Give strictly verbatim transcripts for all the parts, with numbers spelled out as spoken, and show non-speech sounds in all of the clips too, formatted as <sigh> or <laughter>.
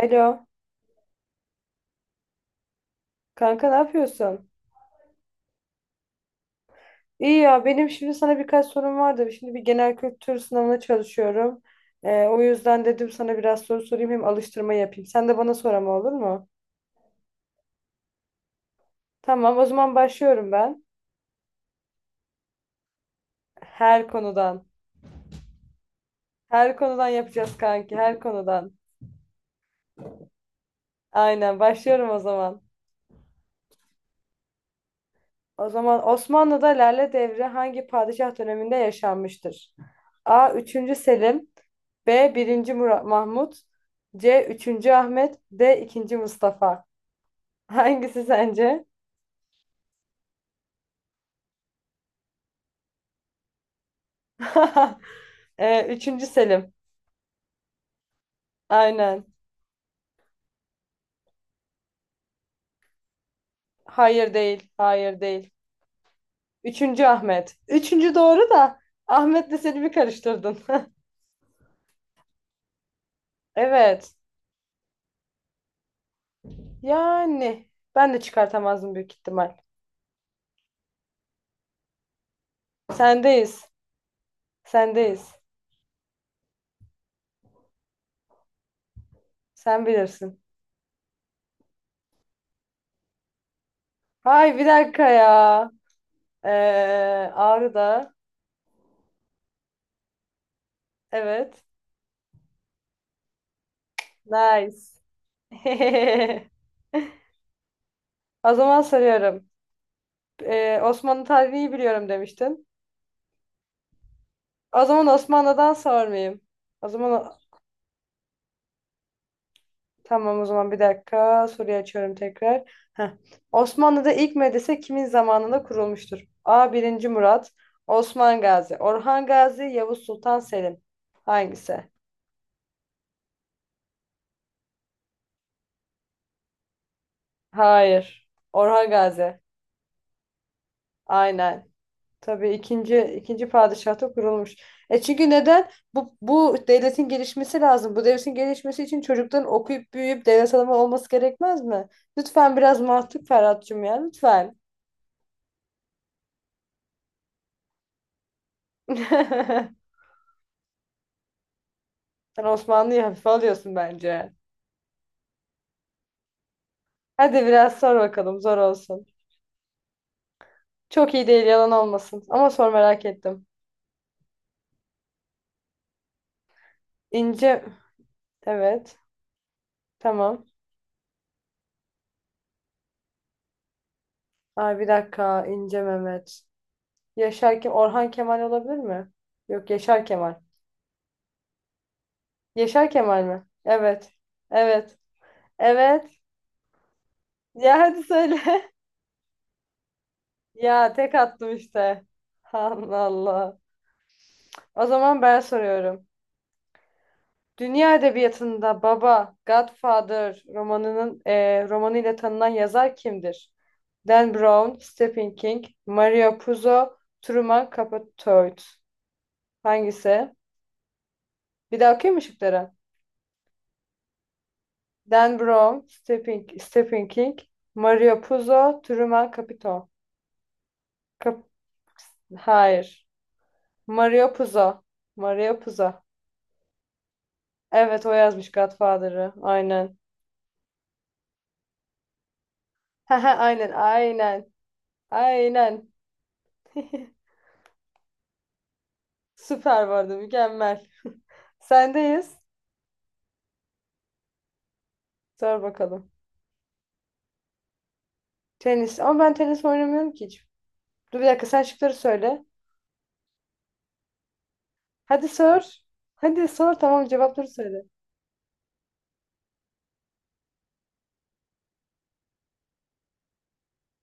Alo, kanka ne yapıyorsun? İyi ya, benim şimdi sana birkaç sorum vardı. Şimdi bir genel kültür sınavına çalışıyorum. Ee, o yüzden dedim sana biraz soru sorayım hem alıştırma yapayım. Sen de bana sor ama olur mu? Tamam, o zaman başlıyorum ben. Her konudan. Her konudan yapacağız kanki, her konudan. Aynen, başlıyorum o zaman. O zaman Osmanlı'da Lale Devri hangi padişah döneminde yaşanmıştır? A. üçüncü. Selim, B. birinci. Murat Mahmut, C. üçüncü. Ahmet, D. ikinci. Mustafa. Hangisi sence? <laughs> e, üçüncü. Selim. Aynen. Hayır değil. Hayır değil. üçüncü. Ahmet. üçüncü doğru da Ahmet'le Selim'i karıştırdın. <laughs> Evet. Yani ben de çıkartamazdım büyük ihtimal. Sendeyiz. Sendeyiz. Sen bilirsin. Ay bir dakika ya. Ee, Ağrı'da. Evet. Nice. <laughs> O zaman soruyorum. Ee, Osmanlı tarihini iyi biliyorum demiştin. O zaman Osmanlı'dan sormayayım. O zaman tamam o zaman bir dakika. Soruyu açıyorum tekrar. Heh. Osmanlı'da ilk medrese kimin zamanında kurulmuştur? A. Birinci Murat, Osman Gazi, Orhan Gazi, Yavuz Sultan Selim. Hangisi? Hayır. Orhan Gazi. Aynen. Tabii ikinci ikinci padişahta kurulmuş. E çünkü neden? Bu bu devletin gelişmesi lazım. Bu devletin gelişmesi için çocukların okuyup büyüyüp devlet adamı olması gerekmez mi? Lütfen biraz mantık Ferhat'cığım ya lütfen. <laughs> Sen Osmanlı'yı hafife alıyorsun bence. Hadi biraz sor bakalım zor olsun. Çok iyi değil yalan olmasın. Ama sor merak ettim. İnce evet tamam. Ay bir dakika İnce Mehmet. Yaşar Ke- Orhan Kemal olabilir mi? Yok Yaşar Kemal. Yaşar Kemal mi? Evet. Evet. Evet. Ya hadi söyle. <laughs> Ya tek attım işte. Allah Allah. O zaman ben soruyorum. Dünya edebiyatında Baba, Godfather romanının e, romanı ile tanınan yazar kimdir? Dan Brown, Stephen King, Mario Puzo, Truman Capote. Hangisi? Bir daha okuyayım mı şıkları? Dan Brown, Stephen, Stephen King, Mario Puzo, Truman Capote. Cap- Hayır. Mario Puzo. Mario Puzo. Evet o yazmış Godfather'ı. Aynen. <laughs> Haha, aynen aynen. Aynen. <laughs> Süper vardı mükemmel. Sendeyiz. Sor bakalım. Tenis. Ama ben tenis oynamıyorum ki hiç. Dur bir dakika sen şıkları söyle. Hadi sor. Hadi sor tamam cevapları söyle.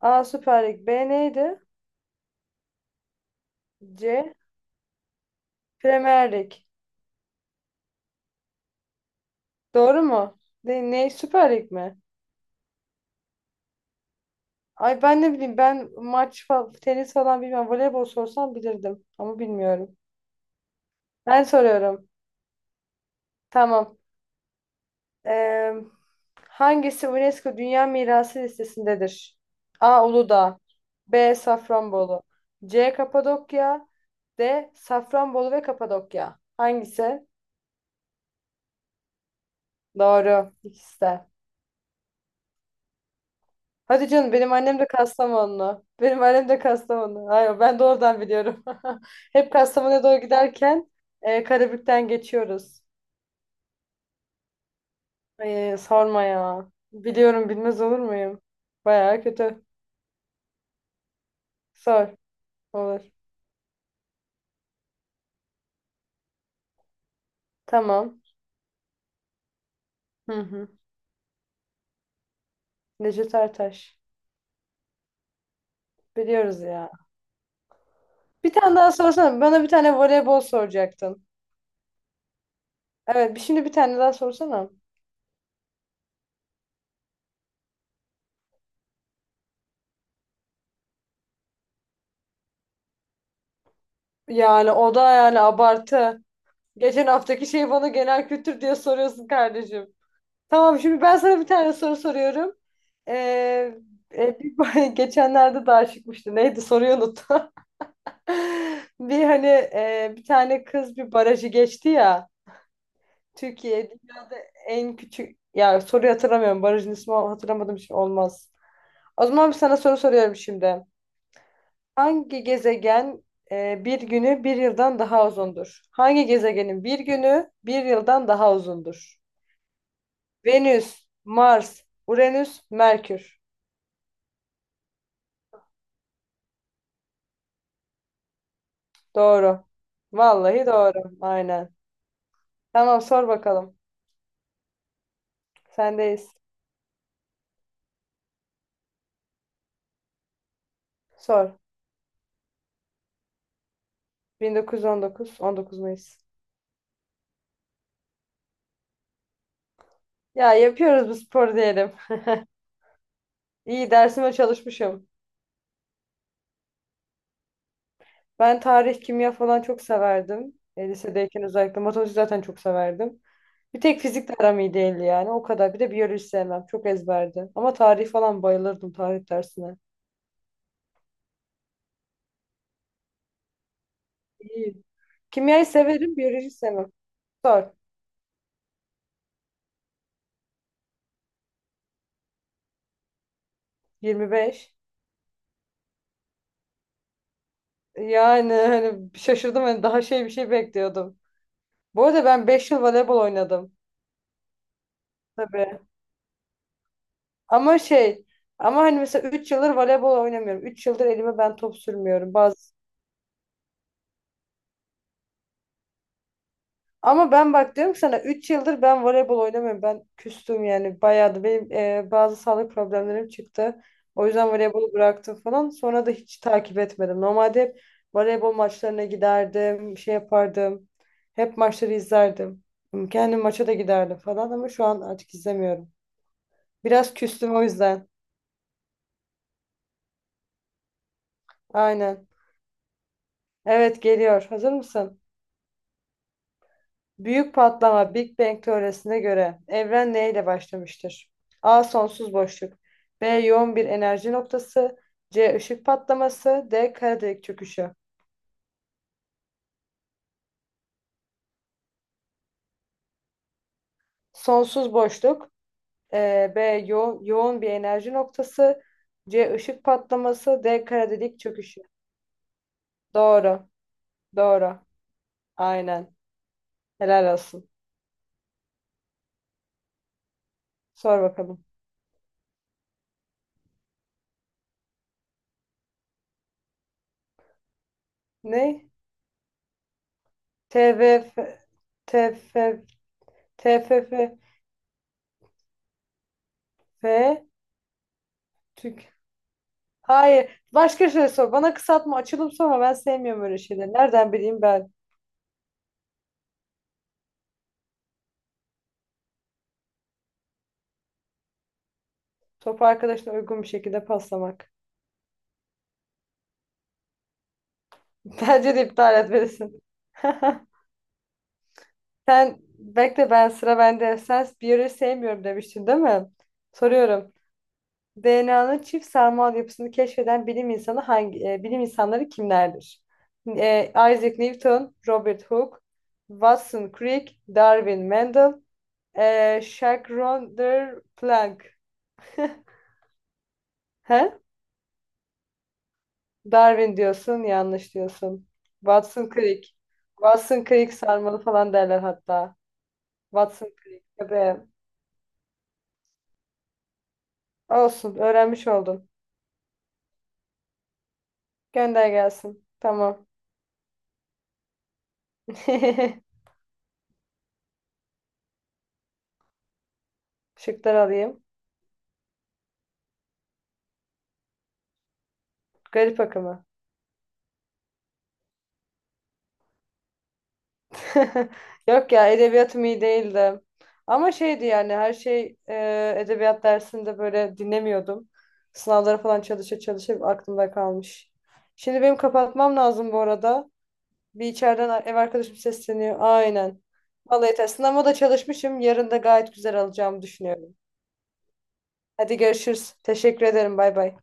A Süper Lig. B neydi? C Premier Lig. Doğru mu? Ne, ne Süper Lig mi? Ay ben ne bileyim ben maç falan, tenis falan bilmem. Voleybol sorsam bilirdim ama bilmiyorum. Ben soruyorum. Tamam. Ee, hangisi UNESCO Dünya Mirası listesindedir? A. Uludağ, B. Safranbolu, C. Kapadokya, D. Safranbolu ve Kapadokya. Hangisi? Doğru. İkisi de. Hadi canım benim annem de Kastamonlu. Benim annem de Kastamonu. Hayır ben de oradan biliyorum. <laughs> Hep Kastamonu'ya doğru giderken e, Karabük'ten geçiyoruz. Ay, sorma ya. Biliyorum bilmez olur muyum? Baya kötü. Sor. Olur. Tamam. Hı hı. Necdet Ertaş. Biliyoruz ya. Bir tane daha sorsana. Bana bir tane voleybol soracaktın. Evet bir- şimdi bir tane daha sorsana. Yani o da yani abartı. Geçen haftaki şeyi bana genel kültür diye soruyorsun kardeşim. Tamam şimdi ben sana bir tane soru soruyorum. Ee, e, bir- <laughs> geçenlerde daha çıkmıştı. Neydi soruyu unuttum. <laughs> Bir hani e, bir tane kız bir barajı geçti ya. Türkiye'de en küçük ya soruyu hatırlamıyorum. Barajın ismi hatırlamadım için olmaz. O zaman bir sana soru soruyorum şimdi. Hangi gezegen e, bir günü bir yıldan daha uzundur? Hangi gezegenin bir günü bir yıldan daha uzundur? Venüs, Mars, Uranüs, Merkür. Doğru. Vallahi doğru. Aynen. Tamam sor bakalım. Sendeyiz. Sor. bin dokuz yüz on dokuz, on dokuz Mayıs. Ya yapıyoruz bu spor diyelim. İyi dersime çalışmışım. Ben tarih, kimya falan çok severdim. E, lisedeyken özellikle matematik zaten çok severdim. Bir tek fizik de aram iyi değildi yani o kadar. Bir de biyoloji sevmem. Çok ezberdi. Ama tarih falan bayılırdım tarih dersine. İyi. Kimyayı severim, biyolojiyi sevmem. Sor. yirmi beş. Yani hani şaşırdım hani daha şey bir şey bekliyordum. Bu arada ben beş yıl voleybol oynadım. Tabii. Ama şey ama hani mesela üç yıldır voleybol oynamıyorum. Üç yıldır elime ben top sürmüyorum. Bazı Ama ben bak diyorum ki sana üç yıldır ben voleybol oynamıyorum. Ben küstüm yani bayağı da benim e, bazı sağlık problemlerim çıktı. O yüzden voleybolu bıraktım falan. Sonra da hiç takip etmedim. Normalde hep voleybol maçlarına giderdim, şey yapardım. Hep maçları izlerdim. Kendim maça da giderdim falan ama şu an artık izlemiyorum. Biraz küstüm o yüzden. Aynen. Evet geliyor. Hazır mısın? Büyük patlama Big Bang teorisine göre evren neyle başlamıştır? A. Sonsuz boşluk. B. Yoğun bir enerji noktası. C. Işık patlaması. D. Kara delik çöküşü. Sonsuz boşluk. e, B. Yo yoğun bir enerji noktası. C. Işık patlaması. D. Kara delik çöküşü. Doğru. Doğru. Aynen. Helal olsun. Sor bakalım. Ne? T V F TFF F. T F F F. Hayır. Başka şey sor. Bana kısaltma, açılım sorma. Ben sevmiyorum öyle şeyleri. Nereden bileyim ben? Topu arkadaşına uygun bir şekilde paslamak. <laughs> Bence de iptal etmelisin. <laughs> Sen bekle ben sıra bende. Sen biyoloji sevmiyorum demiştin değil mi? Soruyorum. D N A'nın çift sarmal yapısını keşfeden bilim insanı hangi e, bilim insanları kimlerdir? E, Isaac Newton, Robert Hooke, Watson Crick, Darwin Mendel, e, Jacques Ronder Planck. He? Darwin diyorsun, yanlış diyorsun. Watson Crick. Watson Crick sarmalı falan derler hatta. Watson Crick. Tabii. Olsun, öğrenmiş oldum. Gönder gelsin. Tamam. <laughs> Şıklar alayım. Garip akımı. <laughs> Yok ya, edebiyatım iyi değildi. Ama şeydi yani her şey e, edebiyat dersinde böyle dinlemiyordum. Sınavlara falan çalışa çalışa aklımda kalmış. Şimdi benim kapatmam lazım bu arada. Bir içeriden ev arkadaşım sesleniyor. Aynen. Vallahi yeter. Sınavıma da çalışmışım. Yarın da gayet güzel alacağımı düşünüyorum. Hadi görüşürüz. Teşekkür ederim. Bay bay.